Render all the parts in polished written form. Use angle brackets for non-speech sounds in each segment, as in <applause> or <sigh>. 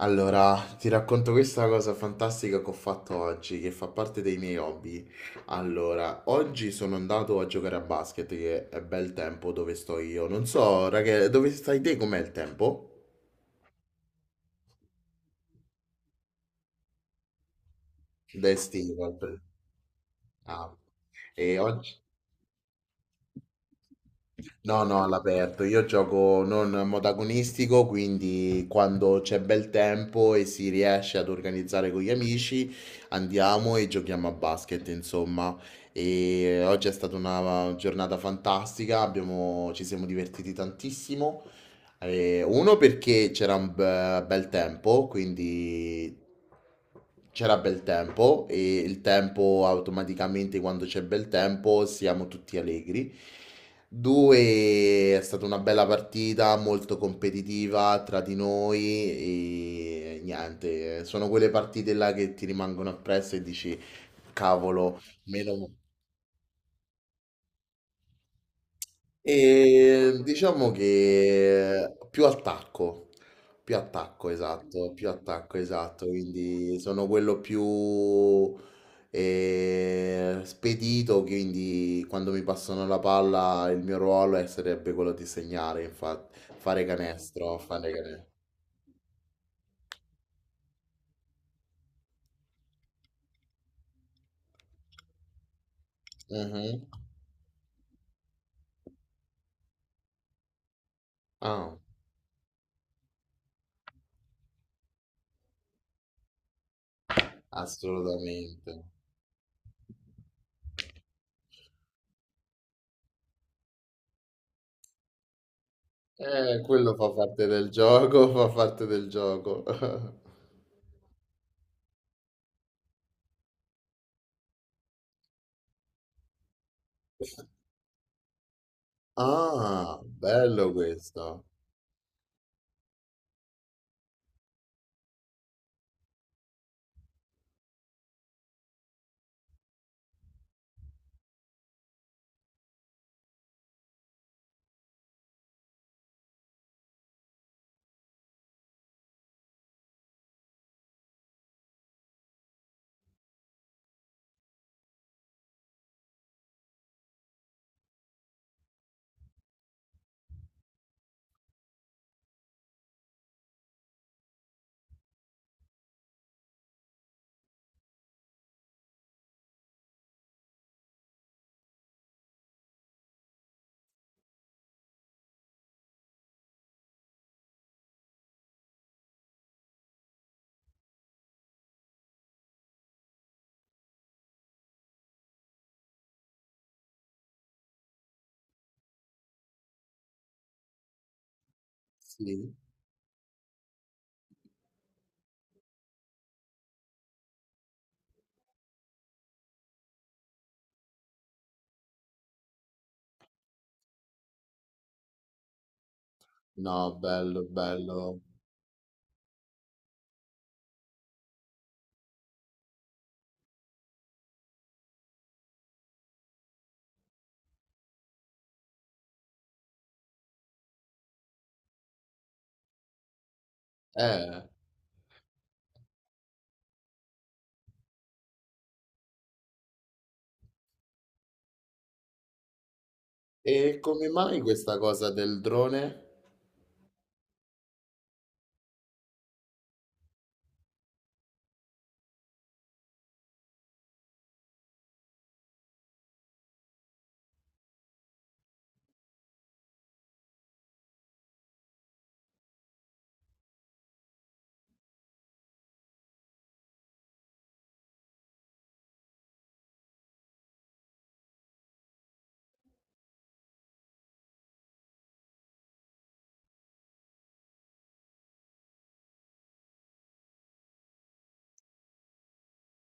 Allora, ti racconto questa cosa fantastica che ho fatto oggi, che fa parte dei miei hobby. Allora, oggi sono andato a giocare a basket, che è bel tempo dove sto io. Non so, ragazzi, dove stai te? Com'è il tempo? D'estivo. Al pre- ah. E oggi... No, no, all'aperto. Io gioco non modagonistico, quindi quando c'è bel tempo e si riesce ad organizzare con gli amici, andiamo e giochiamo a basket, insomma. E oggi è stata una giornata fantastica, ci siamo divertiti tantissimo. Uno perché c'era un bel tempo, quindi c'era bel tempo e il tempo automaticamente quando c'è bel tempo siamo tutti allegri. Due, è stata una bella partita, molto competitiva tra di noi e niente, sono quelle partite là che ti rimangono appresso e dici, cavolo, meno... E diciamo che più attacco, esatto, quindi sono quello più spedito, quindi quando mi passano la palla il mio ruolo sarebbe quello di segnare, infatti, fare canestro, fare canestro. Mhm. Ah, assolutamente. Quello fa parte del gioco, <laughs> fa parte del gioco. <laughs> Ah, bello questo. Sì, no, bello, bello. Eh, e come mai questa cosa del drone?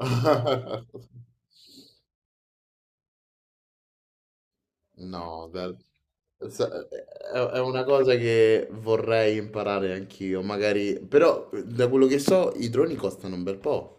<laughs> No, bello. È una cosa che vorrei imparare anch'io, magari, però da quello che so i droni costano un bel po'.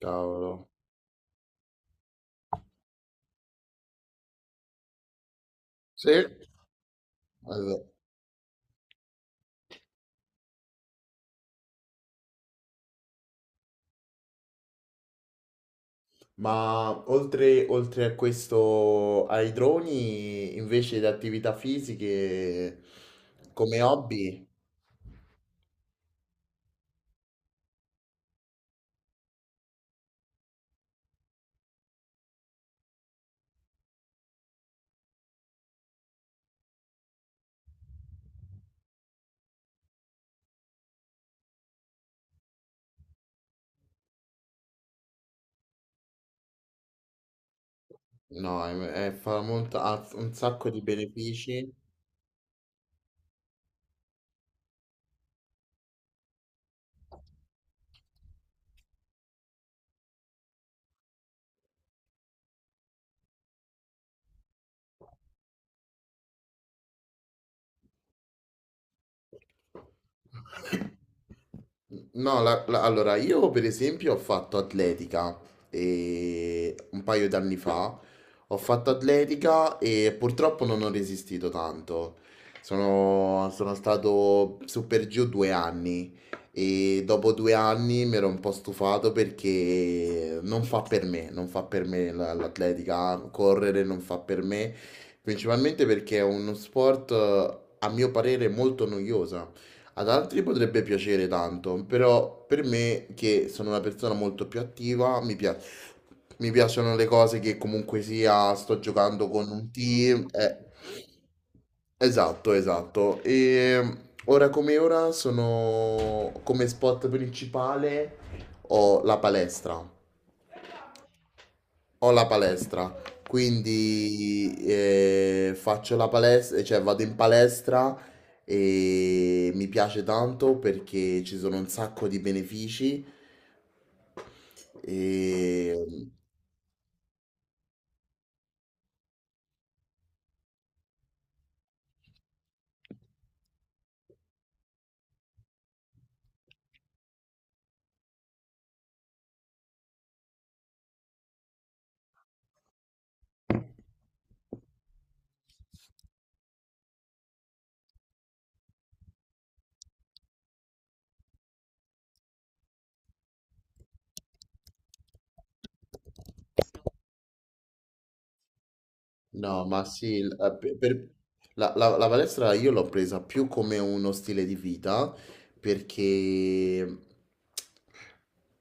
Cavolo. Sì. Allora, ma oltre, oltre a questo, ai droni, invece di attività fisiche, come hobby? No, fa molta ha un sacco di benefici. No, allora io per esempio ho fatto atletica e un paio d'anni fa ho fatto atletica e purtroppo non ho resistito tanto. Sono stato su per giù due anni e dopo due anni mi ero un po' stufato perché non fa per me, non fa per me l'atletica, correre non fa per me, principalmente perché è uno sport a mio parere molto noioso. Ad altri potrebbe piacere tanto, però per me, che sono una persona molto più attiva, mi piacciono le cose che comunque sia, sto giocando con un team. Esatto, esatto. E ora come ora sono come spot principale ho la palestra. Ho la palestra, quindi faccio la palestra, cioè vado in palestra e mi piace tanto perché ci sono un sacco di benefici e no, ma sì, la palestra io l'ho presa più come uno stile di vita perché,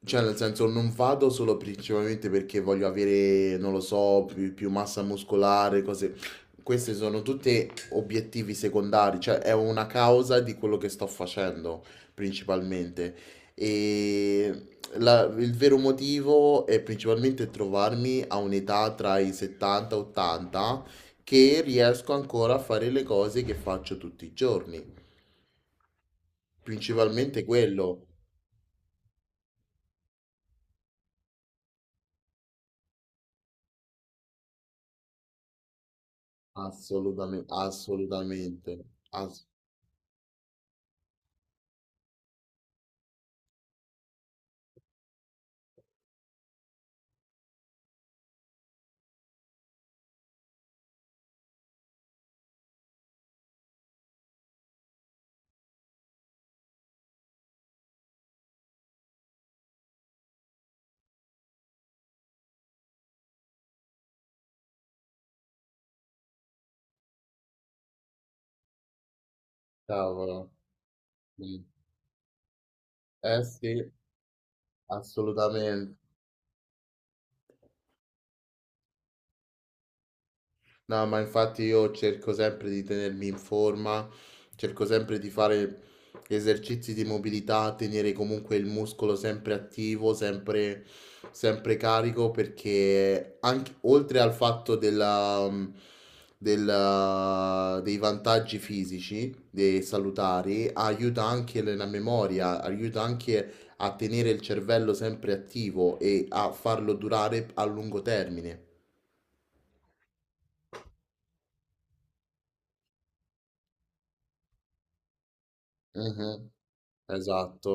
cioè nel senso non vado solo principalmente perché voglio avere, non lo so, più, più massa muscolare, cose, queste sono tutte obiettivi secondari, cioè è una causa di quello che sto facendo principalmente. E il vero motivo è principalmente trovarmi a un'età tra i 70 e 80 che riesco ancora a fare le cose che faccio tutti i giorni. Principalmente quello. Assolutamente, assolutamente. Ass- cavolo. Mm. Eh sì, assolutamente. No, ma infatti io cerco sempre di tenermi in forma, cerco sempre di fare esercizi di mobilità, tenere comunque il muscolo sempre attivo, sempre, sempre carico, perché anche, oltre al fatto dei vantaggi fisici, dei salutari, aiuta anche la memoria, aiuta anche a tenere il cervello sempre attivo e a farlo durare a lungo termine. Mhm, esatto.